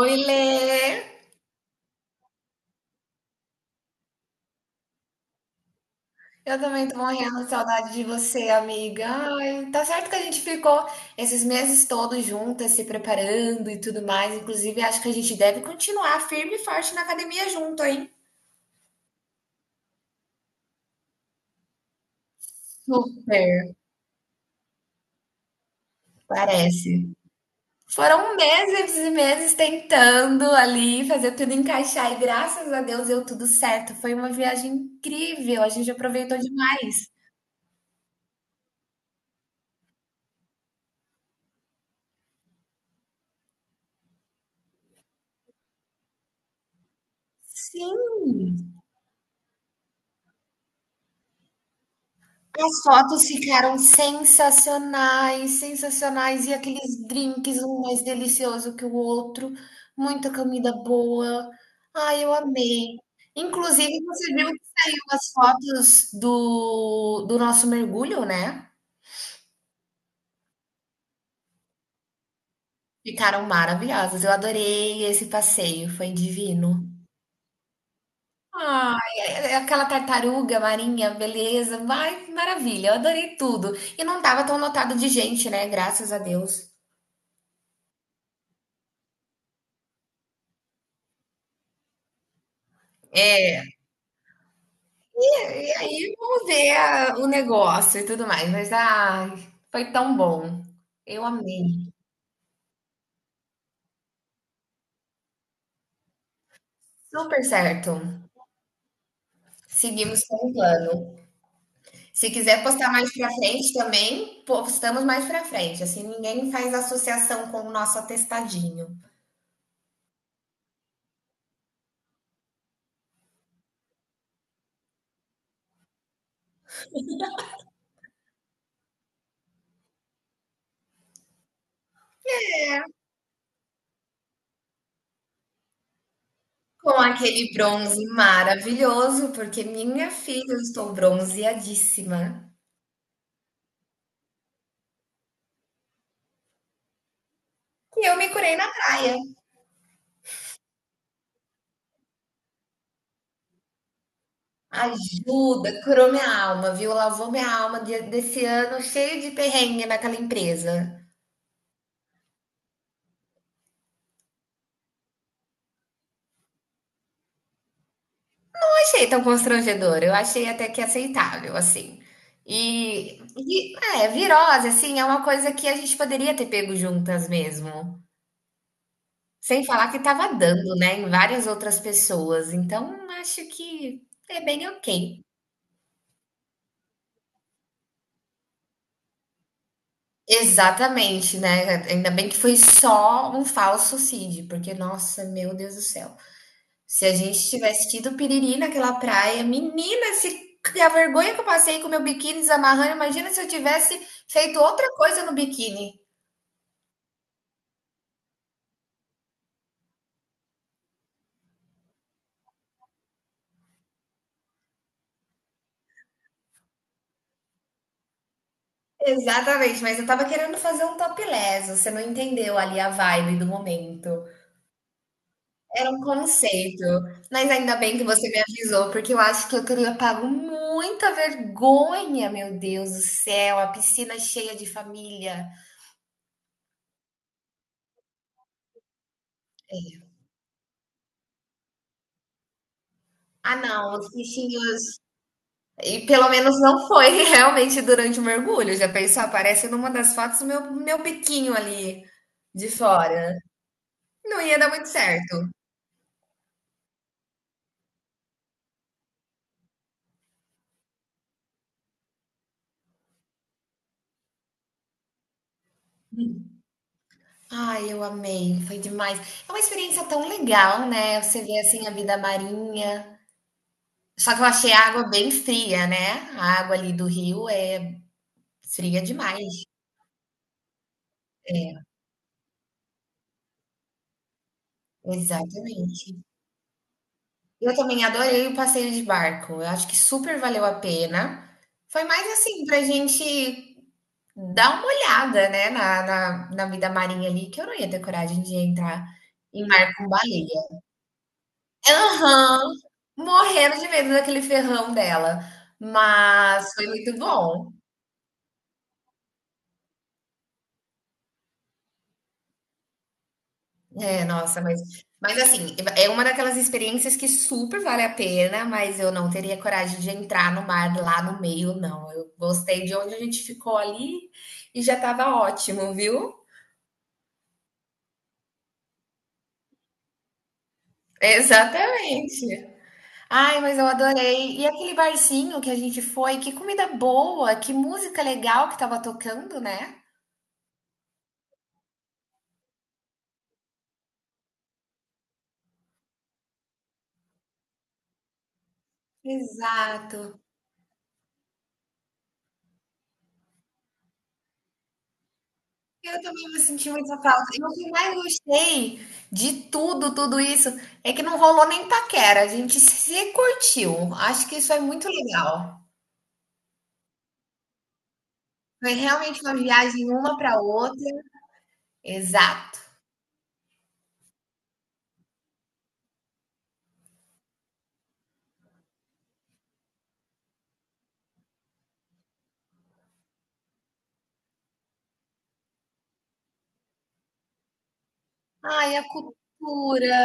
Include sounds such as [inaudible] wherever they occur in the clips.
Oi, Lê! Eu também tô morrendo de saudade de você, amiga. Ai, tá certo que a gente ficou esses meses todos juntas, se preparando e tudo mais. Inclusive, acho que a gente deve continuar firme e forte na academia junto, hein? Super, parece. Foram meses e meses tentando ali fazer tudo encaixar e graças a Deus deu tudo certo. Foi uma viagem incrível, a gente aproveitou demais. Sim. As fotos ficaram sensacionais, sensacionais. E aqueles drinks, um mais delicioso que o outro. Muita comida boa. Ai, eu amei. Inclusive, você viu que saiu as fotos do nosso mergulho, né? Ficaram maravilhosas. Eu adorei esse passeio, foi divino. Ai, é aquela tartaruga marinha, beleza. Ai, maravilha, eu adorei tudo. E não tava tão lotado de gente, né? Graças a Deus. E aí vamos ver o negócio e tudo mais. Mas ai, foi tão bom. Eu amei. Super certo. Seguimos com o plano. Se quiser postar mais pra frente também, postamos mais pra frente. Assim ninguém faz associação com o nosso atestadinho. Com aquele bronze maravilhoso, porque minha filha, eu estou bronzeadíssima. E eu me curei na praia. Ajuda, curou minha alma, viu? Lavou minha alma desse ano cheio de perrengue naquela empresa. Achei tão constrangedor, eu achei até que aceitável, assim. E virose, assim, é uma coisa que a gente poderia ter pego juntas mesmo. Sem falar que estava dando, né, em várias outras pessoas. Então, acho que é bem ok. Exatamente, né? Ainda bem que foi só um falso CID, porque, nossa, meu Deus do céu. Se a gente tivesse tido piriri naquela praia, menina, se a vergonha que eu passei com o meu biquíni desamarrando, imagina se eu tivesse feito outra coisa no biquíni. Exatamente, mas eu tava querendo fazer um topless, você não entendeu ali a vibe do momento. Era um conceito, mas ainda bem que você me avisou, porque eu acho que eu teria pago muita vergonha, meu Deus do céu, a piscina cheia de família. Ah, não, os bichinhos e pelo menos não foi [laughs] realmente durante o mergulho. Já pensou? Aparece numa das fotos o meu biquinho ali de fora. Não ia dar muito certo. Ai, eu amei, foi demais. É uma experiência tão legal, né? Você vê assim a vida marinha. Só que eu achei a água bem fria, né? A água ali do rio é fria demais. É, exatamente. Eu também adorei o passeio de barco. Eu acho que super valeu a pena. Foi mais assim pra gente dá uma olhada, né, na vida marinha ali, que eu não ia ter coragem de entrar em mar com baleia. Aham, morrendo de medo daquele ferrão dela, mas foi muito bom. É, nossa, mas assim, é uma daquelas experiências que super vale a pena, mas eu não teria coragem de entrar no mar lá no meio não, eu gostei de onde a gente ficou ali e já estava ótimo, viu? Exatamente. Ai, mas eu adorei. E aquele barzinho que a gente foi, que comida boa, que música legal que estava tocando, né? Exato. Eu também vou sentir muita falta. E o que mais gostei de tudo, tudo isso, é que não rolou nem paquera. A gente se curtiu. Acho que isso é muito legal. Foi realmente uma viagem uma para outra. Exato. Ai, a cultura.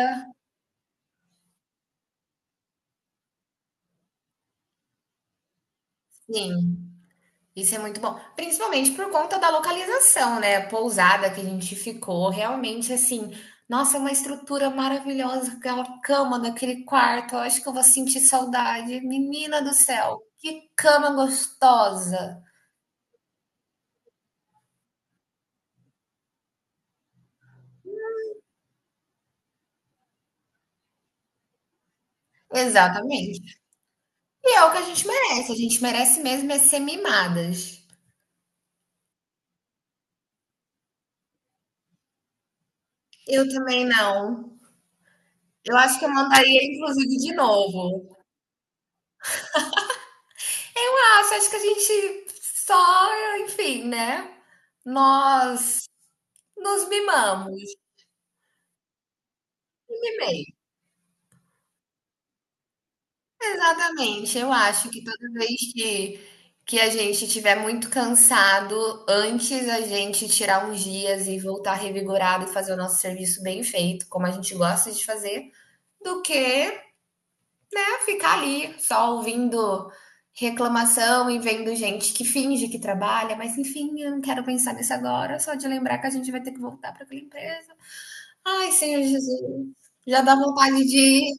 Sim. Isso é muito bom, principalmente por conta da localização, né? A pousada que a gente ficou, realmente assim, nossa, é uma estrutura maravilhosa, aquela cama daquele quarto. Eu acho que eu vou sentir saudade. Menina do céu, que cama gostosa! Exatamente. E é o que a gente merece mesmo é ser mimadas. Eu também não. Eu acho que eu mandaria, inclusive, de novo. Ah, você acha que a gente só, enfim, né? Nós nos mimamos. Bem, exatamente. Eu acho que toda vez que a gente estiver muito cansado, antes a gente tirar uns dias e voltar revigorado e fazer o nosso serviço bem feito, como a gente gosta de fazer, do que né, ficar ali só ouvindo reclamação e vendo gente que finge que trabalha, mas enfim, eu não quero pensar nisso agora, só de lembrar que a gente vai ter que voltar para aquela empresa. Ai, Senhor Jesus, já dá vontade de ir.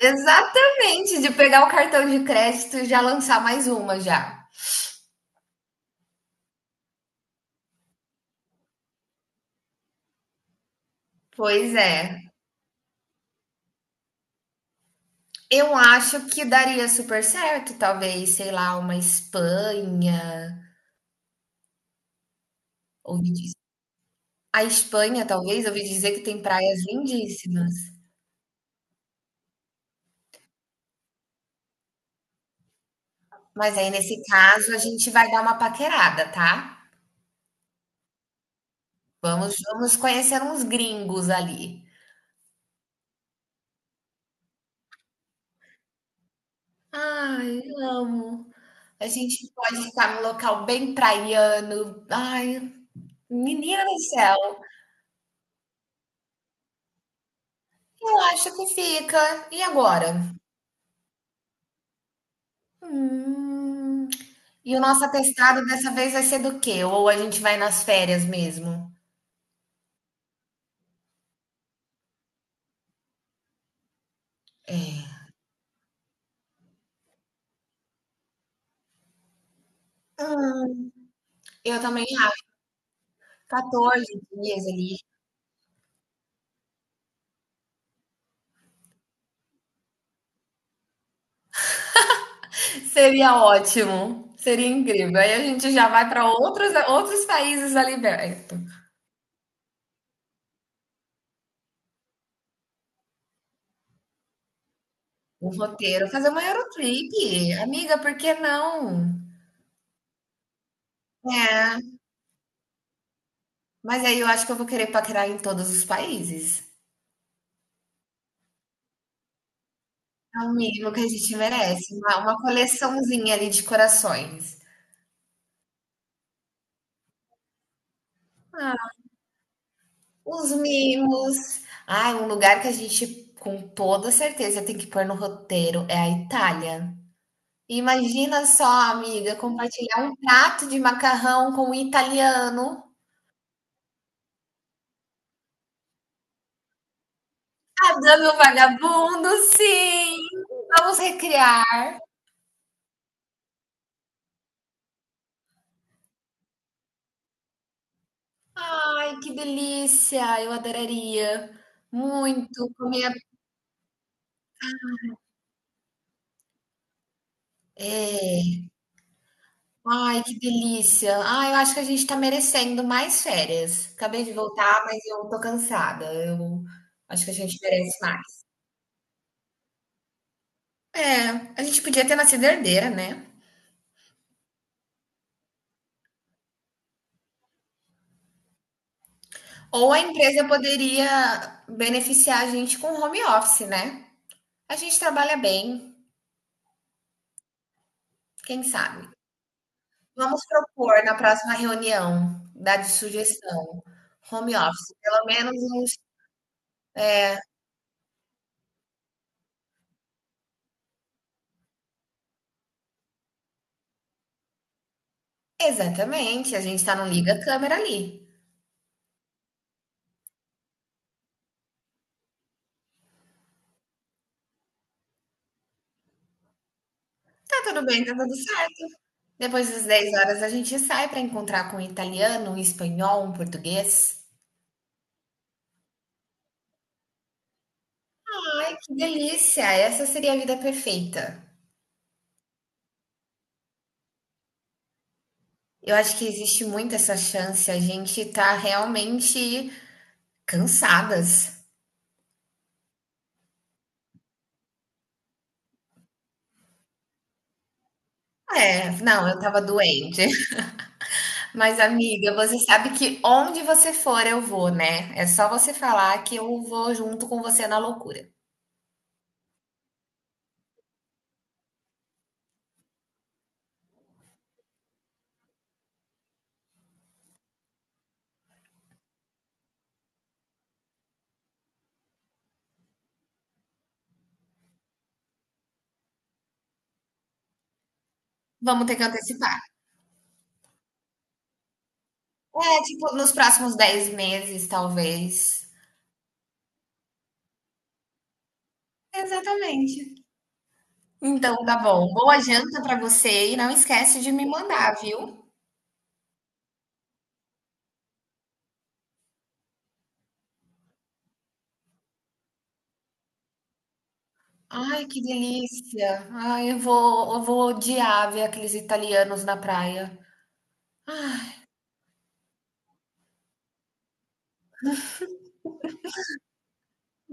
Exatamente, de pegar o cartão de crédito e já lançar mais uma já. Pois é. Eu acho que daria super certo, talvez, sei lá, uma Espanha. Ouvi diz- A Espanha, talvez, ouvi dizer que tem praias lindíssimas. Mas aí, nesse caso, a gente vai dar uma paquerada, tá? Vamos conhecer uns gringos ali. Ai, amo. A gente pode ficar num local bem praiano. Ai, menina do céu. Eu acho que fica. E agora? Hum. E o nosso atestado dessa vez vai ser do quê? Ou a gente vai nas férias mesmo? Hum. Eu também acho. 14 dias ali. Seria ótimo. Seria incrível. Aí a gente já vai para outros países ali perto. O roteiro, fazer uma Eurotrip. Amiga, por que não? É, mas aí eu acho que eu vou querer paquerar em todos os países. É o mínimo que a gente merece. Uma coleçãozinha ali de corações. Ah, os mimos. Ai, um lugar que a gente, com toda certeza, tem que pôr no roteiro é a Itália. Imagina só, amiga, compartilhar um prato de macarrão com um italiano. Adame o vagabundo, sim! Vamos recriar. Ai, que delícia! Eu adoraria. Muito comer. Ai, que delícia. Ai, eu acho que a gente tá merecendo mais férias. Acabei de voltar, mas eu tô cansada. Eu acho que a gente merece mais. É, a gente podia ter nascido herdeira, né? Ou a empresa poderia beneficiar a gente com home office, né? A gente trabalha bem, quem sabe? Vamos propor na próxima reunião, dar de sugestão, home office, pelo menos uns... Exatamente, a gente tá no liga câmera ali. Tá tudo bem, tá tudo certo. Depois das 10 horas a gente sai para encontrar com um italiano, um espanhol, um português. Ai, que delícia! Essa seria a vida perfeita. Eu acho que existe muito essa chance, a gente tá realmente cansadas. É, não, eu estava doente. [laughs] Mas amiga, você sabe que onde você for eu vou, né? É só você falar que eu vou junto com você na loucura. Vamos ter que antecipar. É, tipo, nos próximos 10 meses, talvez. Exatamente. Então tá bom. Boa janta pra você e não esquece de me mandar, viu? Ai, que delícia. Ai, eu vou odiar ver aqueles italianos na praia.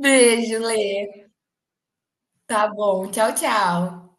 Beijo, Lê. Tá bom. Tchau, tchau.